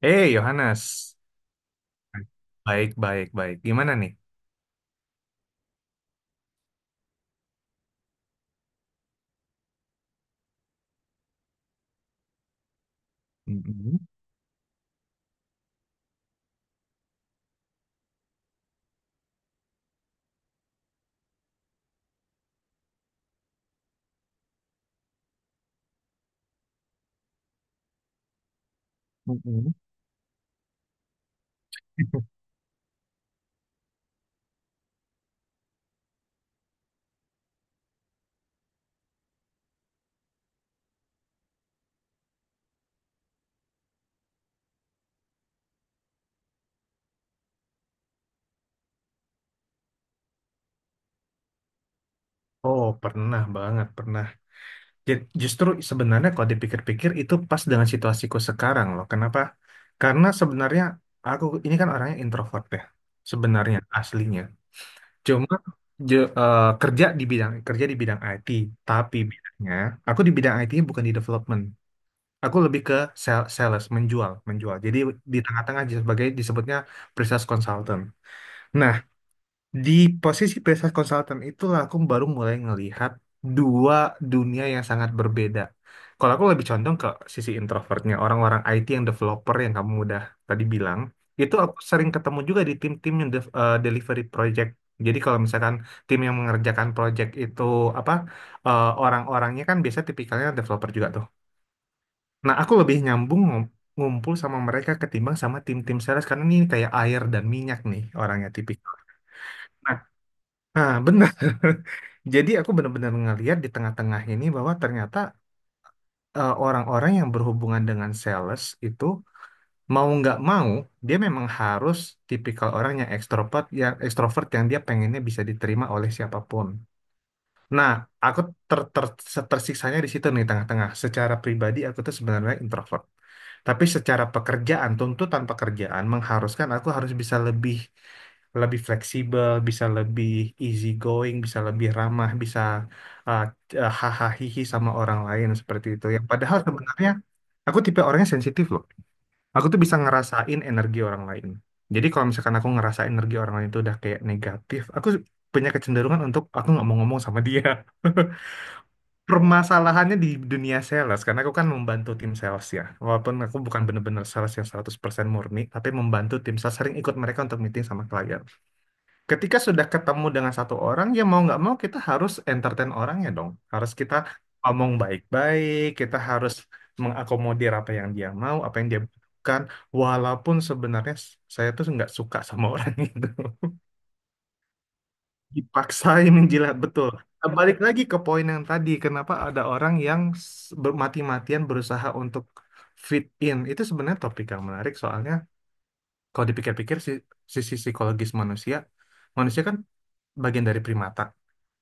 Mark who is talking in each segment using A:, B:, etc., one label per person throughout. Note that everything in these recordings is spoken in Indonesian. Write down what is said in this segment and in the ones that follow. A: Eh, Yohanes. Baik, baik, baik. Gimana nih? Mm-mm, mm-mm. Oh, pernah banget, pernah. Justru sebenarnya kalau dipikir-pikir itu pas dengan situasiku sekarang loh. Kenapa? Karena sebenarnya aku ini kan orangnya introvert ya. Sebenarnya aslinya. Cuma kerja di bidang IT, tapi bidangnya aku di bidang IT bukan di development. Aku lebih ke sales, menjual, menjual. Jadi di tengah-tengah sebagai disebutnya pre-sales consultant. Nah, di posisi business consultant itulah aku baru mulai ngelihat dua dunia yang sangat berbeda. Kalau aku lebih condong ke sisi introvertnya, orang-orang IT yang developer yang kamu udah tadi bilang, itu aku sering ketemu juga di tim-tim yang delivery project. Jadi kalau misalkan tim yang mengerjakan project itu apa orang-orangnya kan biasa tipikalnya developer juga tuh. Nah, aku lebih nyambung ngumpul sama mereka ketimbang sama tim-tim sales karena ini kayak air dan minyak nih orangnya tipikal. Nah, benar. Jadi aku benar-benar ngelihat di tengah-tengah ini bahwa ternyata orang-orang yang berhubungan dengan sales itu mau nggak mau dia memang harus tipikal orang yang ekstrovert, yang ekstrovert yang dia pengennya bisa diterima oleh siapapun. Nah, aku ter ter tersiksanya di situ nih tengah-tengah. Secara pribadi aku tuh sebenarnya introvert. Tapi secara pekerjaan, tuntutan pekerjaan mengharuskan aku harus bisa lebih lebih fleksibel, bisa lebih easy going, bisa lebih ramah, bisa uh, hahaha hihi sama orang lain seperti itu. Yang padahal sebenarnya aku tipe orangnya sensitif loh. Aku tuh bisa ngerasain energi orang lain. Jadi kalau misalkan aku ngerasa energi orang lain itu udah kayak negatif, aku punya kecenderungan untuk aku nggak mau ngomong sama dia. Permasalahannya di dunia sales, karena aku kan membantu tim sales ya, walaupun aku bukan benar-benar sales yang 100% murni, tapi membantu tim sales, sering ikut mereka untuk meeting sama klien. Ketika sudah ketemu dengan satu orang, ya mau nggak mau kita harus entertain orangnya dong, harus kita ngomong baik-baik, kita harus mengakomodir apa yang dia mau, apa yang dia butuhkan, walaupun sebenarnya saya tuh nggak suka sama orang itu. Dipaksain menjilat, betul. Nah, balik lagi ke poin yang tadi, kenapa ada orang yang mati-matian berusaha untuk fit in. Itu sebenarnya topik yang menarik, soalnya kalau dipikir-pikir sisi psikologis manusia, manusia kan bagian dari primata.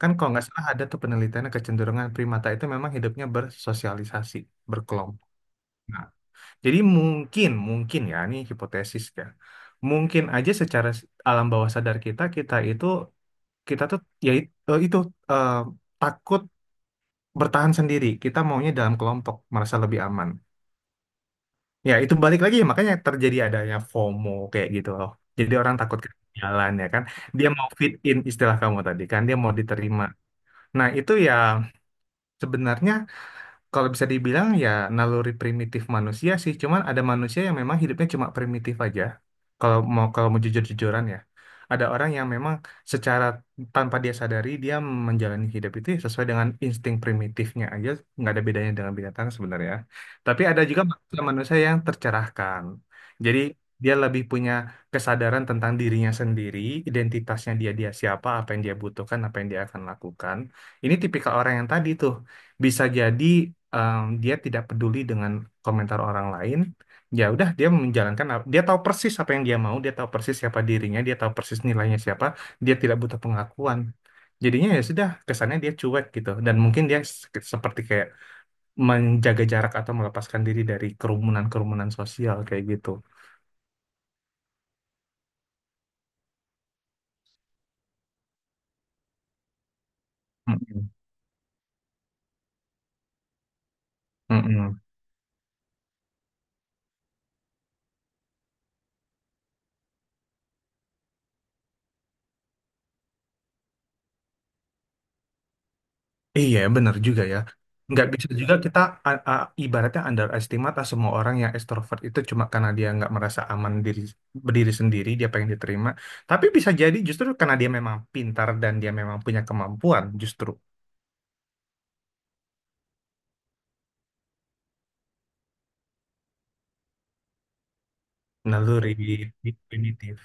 A: Kan kalau nggak salah ada tuh penelitiannya, kecenderungan primata itu memang hidupnya bersosialisasi, berkelompok. Nah, jadi mungkin, mungkin ya, ini hipotesis ya. Mungkin aja secara alam bawah sadar kita, kita itu kita tuh ya itu eh, takut bertahan sendiri. Kita maunya dalam kelompok, merasa lebih aman. Ya itu balik lagi ya, makanya terjadi adanya FOMO kayak gitu loh. Jadi orang takut ketinggalan ya kan. Dia mau fit in, istilah kamu tadi kan, dia mau diterima. Nah itu ya sebenarnya, kalau bisa dibilang ya, naluri primitif manusia sih, cuman ada manusia yang memang hidupnya cuma primitif aja. Kalau mau jujur-jujuran ya. Ada orang yang memang secara tanpa dia sadari dia menjalani hidup itu ya sesuai dengan insting primitifnya aja, nggak ada bedanya dengan binatang sebenarnya. Tapi ada juga manusia manusia yang tercerahkan. Jadi dia lebih punya kesadaran tentang dirinya sendiri, identitasnya dia dia siapa, apa yang dia butuhkan, apa yang dia akan lakukan. Ini tipikal orang yang tadi tuh, bisa jadi dia tidak peduli dengan komentar orang lain. Ya udah dia menjalankan dia tahu persis apa yang dia mau, dia tahu persis siapa dirinya, dia tahu persis nilainya siapa, dia tidak butuh pengakuan. Jadinya ya sudah kesannya dia cuek gitu, dan mungkin dia seperti kayak menjaga jarak atau melepaskan diri dari kerumunan-kerumunan sosial kayak gitu. Mm-mm. Mm-mm. Iya, benar juga ya. Nggak. Iya, bisa juga kita ibaratnya underestimate lah semua orang yang ekstrovert itu cuma karena dia nggak merasa aman diri berdiri sendiri, dia pengen diterima. Tapi bisa jadi justru karena dia memang pintar dan dia memang punya kemampuan justru naluri. Betul. Primitif.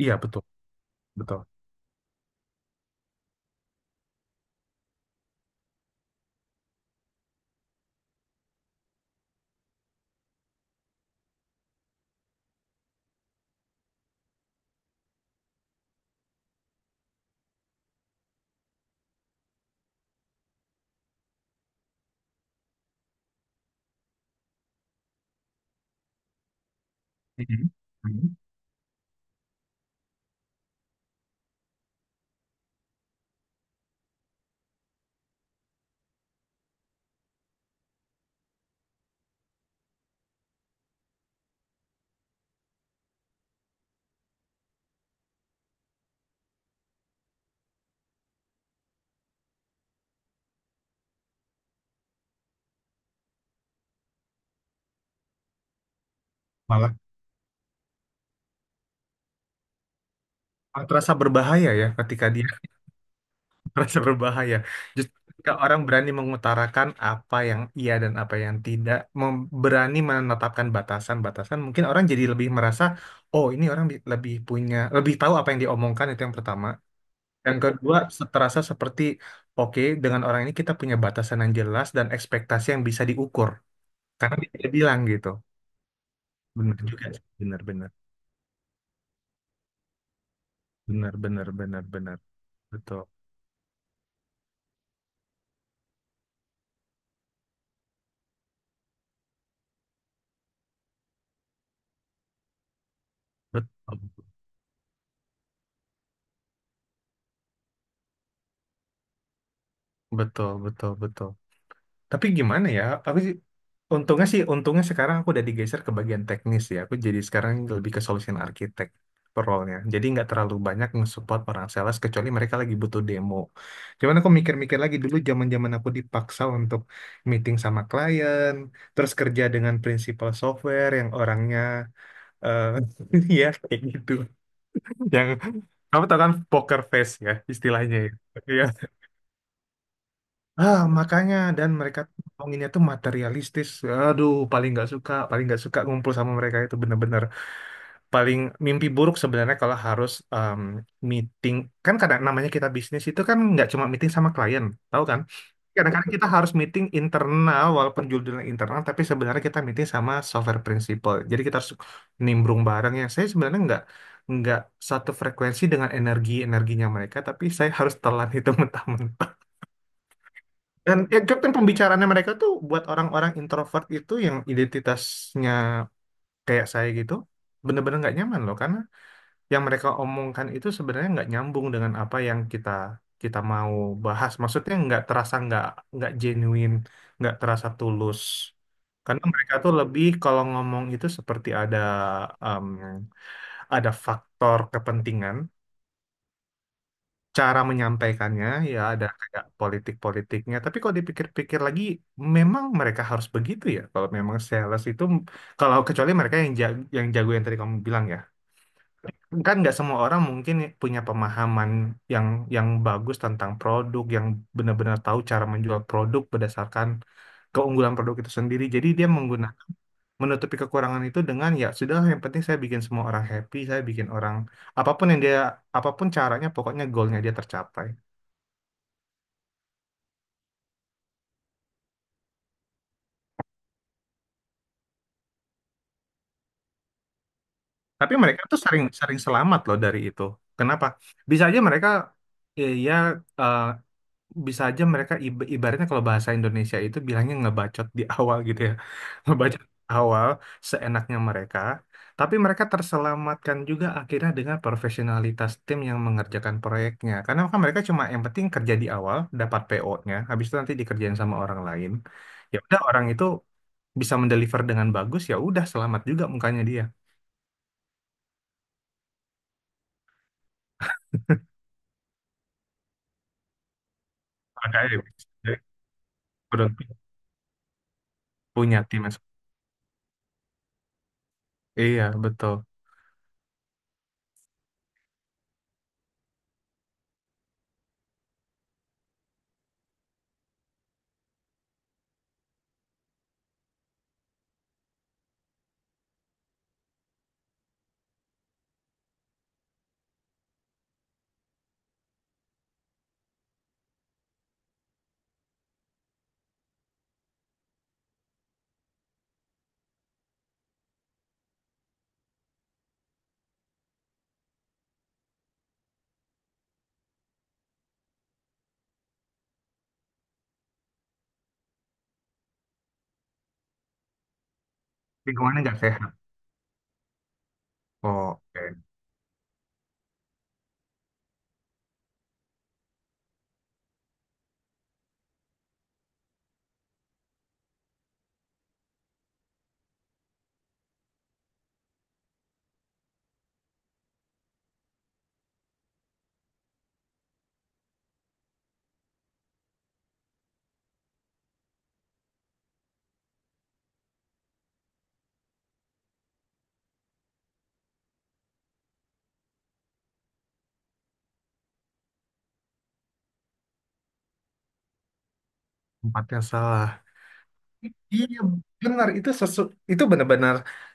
A: Iya, betul, betul. Mhm. Mhm. Malah malah terasa berbahaya ya ketika dia merasa berbahaya. Justru ketika orang berani mengutarakan apa yang iya dan apa yang tidak, berani menetapkan batasan-batasan, mungkin orang jadi lebih merasa, oh ini orang lebih punya, lebih tahu apa yang diomongkan, itu yang pertama. Yang kedua, terasa seperti, oke, dengan orang ini kita punya batasan yang jelas dan ekspektasi yang bisa diukur. Karena dia tidak bilang gitu. Benar juga sih. Benar, benar. Benar, benar, benar, benar. Betul. Betul, betul, betul, betul. Tapi gimana ya? Untungnya sih, untungnya sekarang aku udah digeser ke bagian teknis ya. Aku jadi sekarang lebih ke solution architect role-nya. Jadi nggak terlalu banyak nge-support orang sales kecuali mereka lagi butuh demo. Cuman aku mikir-mikir lagi dulu zaman-zaman aku dipaksa untuk meeting sama klien, terus kerja dengan principal software yang orangnya eh ya kayak gitu. Yang kamu tahu kan poker face ya istilahnya ya. Iya. Ah, makanya dan mereka tuh ngomonginnya tuh materialistis. Aduh, paling nggak suka ngumpul sama mereka itu bener-bener paling mimpi buruk sebenarnya kalau harus meeting. Kan kadang namanya kita bisnis itu kan nggak cuma meeting sama klien, tahu kan? Kadang-kadang kita harus meeting internal walaupun judulnya internal, tapi sebenarnya kita meeting sama software principal. Jadi kita harus nimbrung bareng, yang saya sebenarnya nggak satu frekuensi dengan energinya mereka, tapi saya harus telan itu mentah-mentah. Dan ya, Grab kan pembicaraannya mereka tuh buat orang-orang introvert itu yang identitasnya kayak saya gitu, bener-bener nggak nyaman loh, karena yang mereka omongkan itu sebenarnya nggak nyambung dengan apa yang kita kita mau bahas. Maksudnya nggak terasa, nggak genuine, nggak terasa tulus. Karena mereka tuh lebih kalau ngomong itu seperti ada em, ada faktor kepentingan cara menyampaikannya, ya ada kayak politik-politiknya. Tapi kalau dipikir-pikir lagi memang mereka harus begitu ya, kalau memang sales itu, kecuali mereka yang jago, yang tadi kamu bilang ya kan. Nggak semua orang mungkin punya pemahaman yang yang bagus tentang produk, yang benar-benar tahu cara menjual produk berdasarkan keunggulan produk itu sendiri. Jadi dia menggunakan, menutupi kekurangan itu dengan ya sudah, yang penting saya bikin semua orang happy, saya bikin orang, apapun yang dia, apapun caranya, pokoknya goalnya dia tercapai. Tapi mereka tuh sering sering selamat loh dari itu. Kenapa? Bisa aja mereka, ya, ya, eh, ibaratnya kalau bahasa Indonesia itu bilangnya ngebacot di awal gitu ya. Ngebacot di awal seenaknya mereka, tapi mereka terselamatkan juga akhirnya dengan profesionalitas tim yang mengerjakan proyeknya. Karena kan mereka cuma yang penting kerja di awal, dapat PO-nya, habis itu nanti dikerjain sama orang lain. Ya udah orang itu bisa mendeliver dengan bagus, ya udah selamat juga mukanya dia. Makanya udah punya tim iya, betul. Lingkungannya nggak sehat. Oke. Tempatnya salah. Iya, benar. Itu benar-benar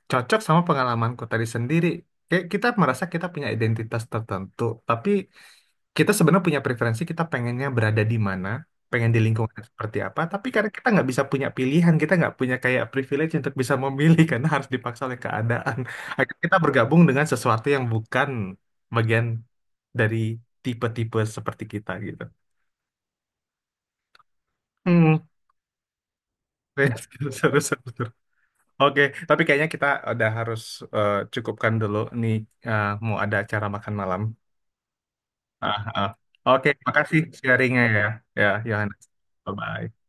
A: cocok sama pengalamanku tadi sendiri, kayak kita merasa kita punya identitas tertentu, tapi kita sebenarnya punya preferensi kita pengennya berada di mana, pengen di lingkungan yang seperti apa. Tapi karena kita nggak bisa punya pilihan, kita nggak punya kayak privilege untuk bisa memilih karena harus dipaksa oleh keadaan, akhirnya kita bergabung dengan sesuatu yang bukan bagian dari tipe-tipe seperti kita gitu. Hmm. Seru, seru, seru, seru. Oke, tapi kayaknya kita udah harus cukupkan dulu nih, mau ada acara makan malam. Ah, ah. Oke, makasih sharingnya ya, ya Yohanes. Bye-bye.